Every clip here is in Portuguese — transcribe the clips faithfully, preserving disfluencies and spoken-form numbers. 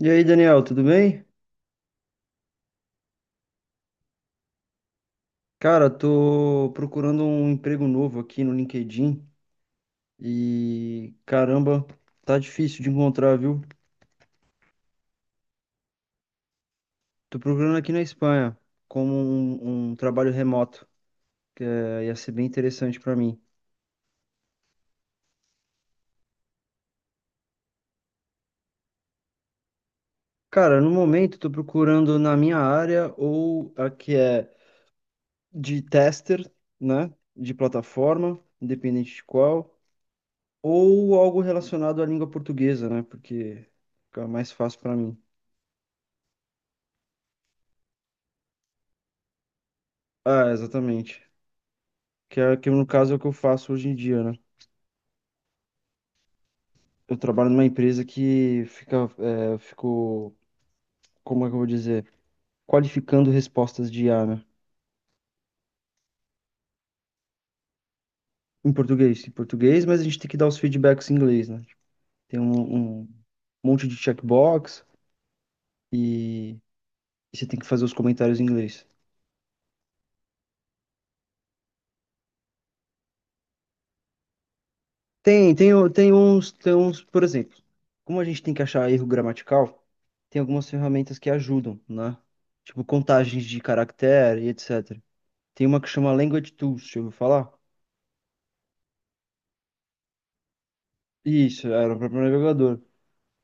E aí, Daniel, tudo bem? Cara, tô procurando um emprego novo aqui no LinkedIn e caramba, tá difícil de encontrar, viu? Tô procurando aqui na Espanha como um, um trabalho remoto, que é, ia ser bem interessante pra mim. Cara, no momento tô procurando na minha área ou a que é de tester, né? De plataforma, independente de qual, ou algo relacionado à língua portuguesa, né? Porque fica mais fácil pra mim. Ah, exatamente. Que é que no caso é o que eu faço hoje em dia, né? Eu trabalho numa empresa que fica, é, fico, como é que eu vou dizer? Qualificando respostas de I A, né? Em português, em português, mas a gente tem que dar os feedbacks em inglês, né? Tem um, um monte de checkbox e, e você tem que fazer os comentários em inglês. Tem, tem, o- tem uns, tem uns, por exemplo, como a gente tem que achar erro gramatical, tem algumas ferramentas que ajudam, né? Tipo contagens de caractere e etcétera. Tem uma que chama Language Tools, deixa eu falar. Isso, era para navegador.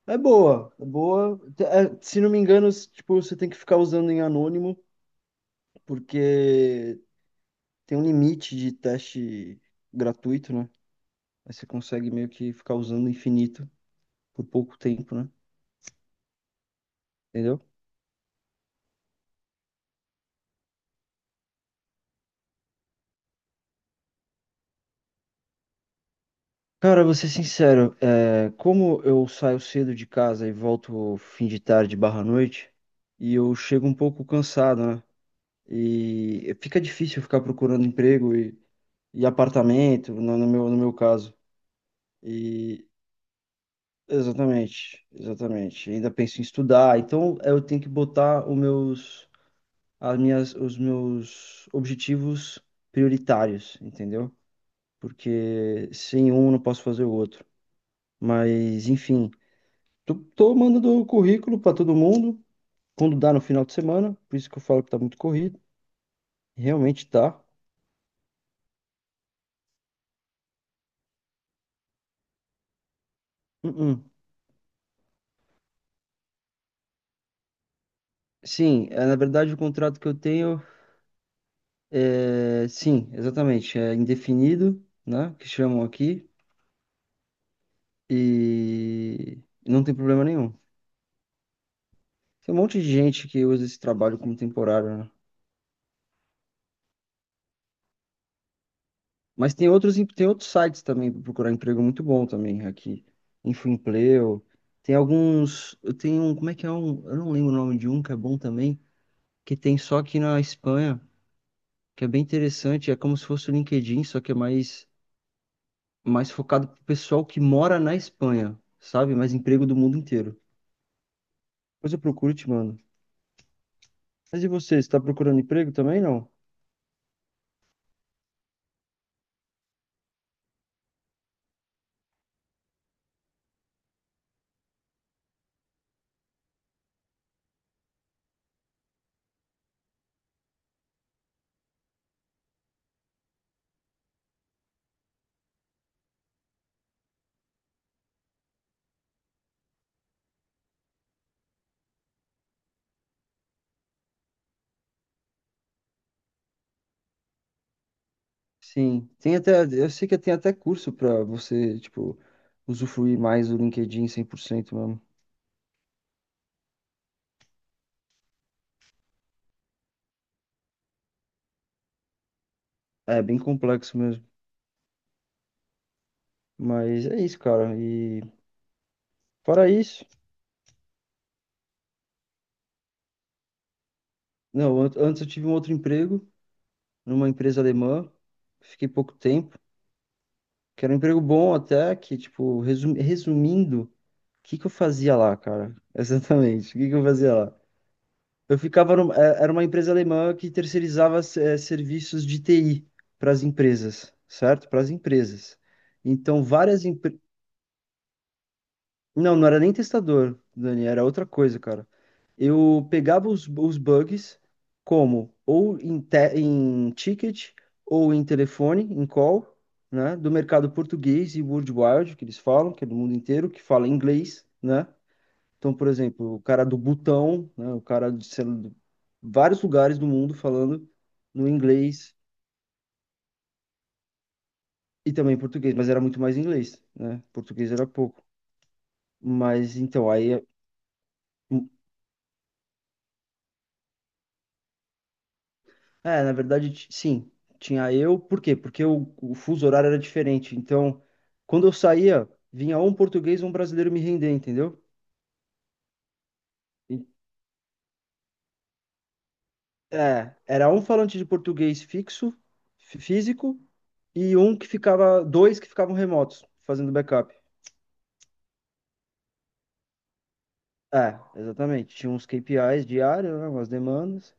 É boa, é boa. Te- é, se não me engano, s- tipo, você tem que ficar usando em anônimo, porque tem um limite de teste gratuito, né? Aí você consegue meio que ficar usando infinito por pouco tempo, né? Entendeu? Cara, vou ser sincero, é, como eu saio cedo de casa e volto fim de tarde barra noite, e eu chego um pouco cansado, né? E fica difícil ficar procurando emprego e, e apartamento, no no meu, no meu caso. E exatamente, exatamente. Ainda penso em estudar, então eu tenho que botar os meus, as minhas, os meus objetivos prioritários, entendeu? Porque sem um eu não posso fazer o outro. Mas enfim, tô, tô mandando o currículo para todo mundo quando dá no final de semana, por isso que eu falo que tá muito corrido. Realmente tá. Uh-uh. Sim, é, na verdade o contrato que eu tenho é, sim, exatamente, é indefinido, né? Que chamam aqui. E não tem problema nenhum. Tem um monte de gente que usa esse trabalho como temporário, né? Mas tem outros, em- tem outros sites também para procurar emprego muito bom também aqui. Infoempleo. Tem alguns. Eu tenho um. Como é que é um? Eu não lembro o nome de um que é bom também, que tem só aqui na Espanha, que é bem interessante. É como se fosse o LinkedIn, só que é mais, mais focado pro pessoal que mora na Espanha, sabe? Mais emprego do mundo inteiro. Depois eu procuro e te mando. Mas e você? Você está procurando emprego também, não? Sim, tem até, eu sei que tem até curso pra você, tipo, usufruir mais do LinkedIn cem por cento mesmo. É bem complexo mesmo, mas é isso, cara. E fora isso, não, an- antes eu tive um outro emprego numa empresa alemã, fiquei pouco tempo, que era um emprego bom até, que tipo, resu- resumindo, o que que eu fazia lá, cara? Exatamente, o que que eu fazia lá? Eu ficava numa, é, era uma empresa alemã que terceirizava é, serviços de T I para as empresas, certo? Para as empresas. Então, várias empresas. Não, não era nem testador, Dani, era outra coisa, cara. Eu pegava os, os bugs como ou em, te- em ticket ou em telefone, em call, né? Do mercado português e worldwide, que eles falam, que é do mundo inteiro, que fala inglês, né? Então, por exemplo, o cara do Butão, né, o cara de sei lá, de vários lugares do mundo falando no inglês e também português, mas era muito mais inglês, né? Português era pouco. Mas então, aí. É, é, na verdade, ti- sim, tinha eu. Por quê? Porque o, o fuso horário era diferente. Então, quando eu saía, vinha ou um português ou um brasileiro me render, entendeu? E- É, era um falante de português fixo, fí- físico, e um que ficava, dois que ficavam remotos, fazendo backup. É, exatamente. Tinha uns K P Is diários, né, umas demandas,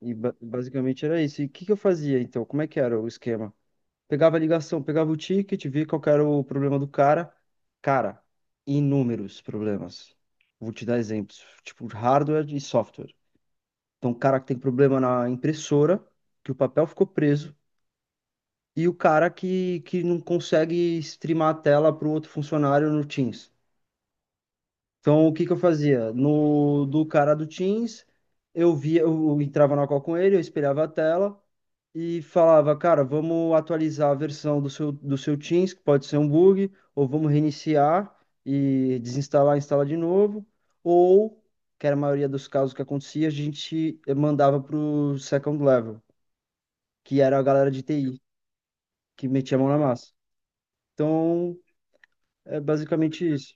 e ba- basicamente era isso. E o que que eu fazia então? Como é que era o esquema? Pegava a ligação, pegava o ticket, via qual que era o problema do cara. Cara, inúmeros problemas. Vou te dar exemplos, tipo hardware e software. Então, o cara que tem problema na impressora, que o papel ficou preso, e o cara que, que não consegue streamar a tela para o outro funcionário no Teams. Então, o que que eu fazia? No do cara do Teams, eu via, eu entrava na call com ele, eu espelhava a tela e falava, cara, vamos atualizar a versão do seu do seu Teams, que pode ser um bug, ou vamos reiniciar e desinstalar, instalar de novo, ou, que era a maioria dos casos que acontecia, a gente mandava para o second level, que era a galera de T I, que metia a mão na massa. Então, é basicamente isso.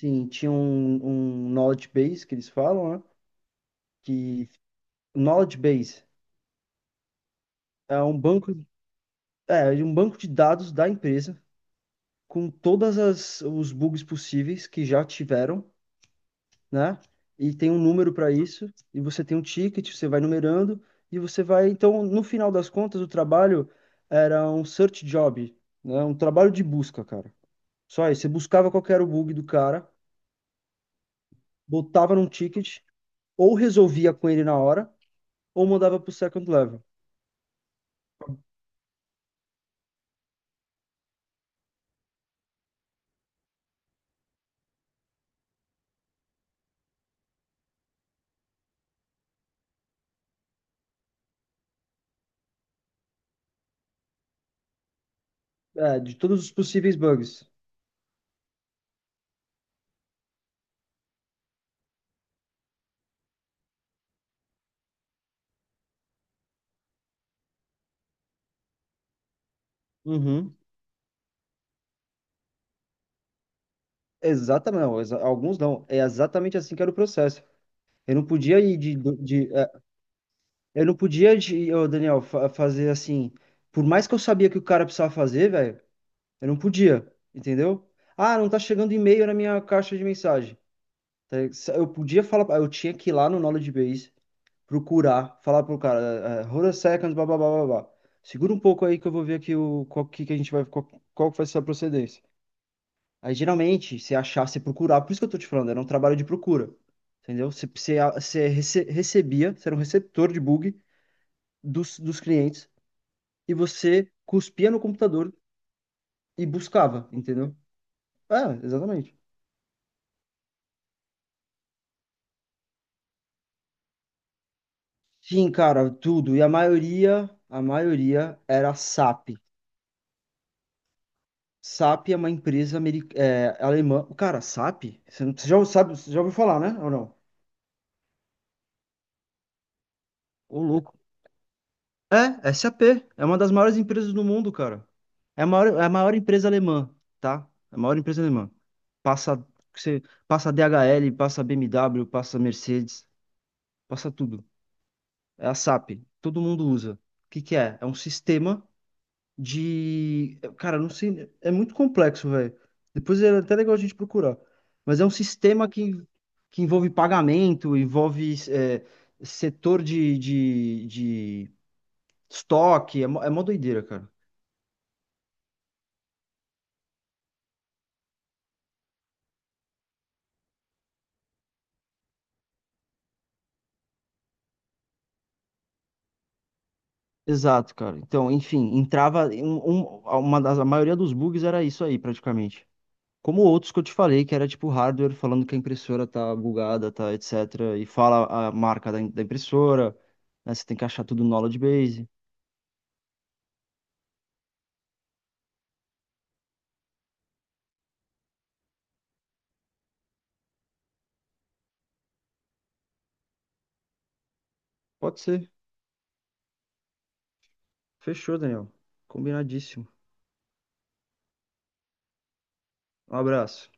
Sim, tinha um, um knowledge base que eles falam, né? Que Knowledge Base é um banco, é é um banco de dados da empresa com todas as os bugs possíveis que já tiveram, né? E tem um número para isso, e você tem um ticket, você vai numerando e você vai, então, no final das contas, o trabalho era um search job, né? Um trabalho de busca, cara. Só isso, você buscava qual que era o bug do cara, botava num ticket, ou resolvia com ele na hora, ou mandava pro second level. É, de todos os possíveis bugs. Uhum. Exatamente, não, exa- alguns não. É exatamente assim que era o processo. Eu não podia ir de, do- de é, eu não podia de, ô, Daniel, fa- fazer assim. Por mais que eu sabia que o cara precisava fazer, velho, eu não podia, entendeu? Ah, não tá chegando e-mail na minha caixa de mensagem. Tá ligado? Se- Eu podia falar, eu tinha que ir lá no Knowledge Base, procurar, falar pro cara, é, é, hold a second, blá blá blá blá blá. Segura um pouco aí que eu vou ver aqui o qual que, que a gente vai qual, qual que vai ser a procedência. Aí geralmente, se achar, se procurar, por isso que eu tô te falando, era um trabalho de procura. Entendeu? Você, você, você rece- recebia, você era um receptor de bug dos, dos clientes e você cuspia no computador e buscava, entendeu? É, exatamente. Sim, cara, tudo. E a maioria, a maioria era SAP. SAP é uma empresa americ- é, alemã. Cara, SAP? Você não- você já sabe, você já ouviu falar, né? Ou não? Ô, louco. É, SAP. É uma das maiores empresas do mundo, cara. É a maior, é a maior empresa alemã, tá? É a maior empresa alemã. Passa, você, passa D H L, passa B M W, passa Mercedes, passa tudo. É a SAP. Todo mundo usa. O que que é? É um sistema de... Cara, eu não sei... É muito complexo, velho. Depois é até legal a gente procurar. Mas é um sistema que, que envolve pagamento, envolve é, setor de, de, de estoque. É, mó- é mó doideira, cara. Exato, cara. Então, enfim, entrava um, um- uma das, a maioria dos bugs era isso aí, praticamente. Como outros que eu te falei, que era tipo hardware falando que a impressora tá bugada, tá, etcétera. E fala a marca da, im- da impressora, né? Você tem que achar tudo no knowledge base. Pode ser. Fechou, Daniel. Combinadíssimo. Um abraço.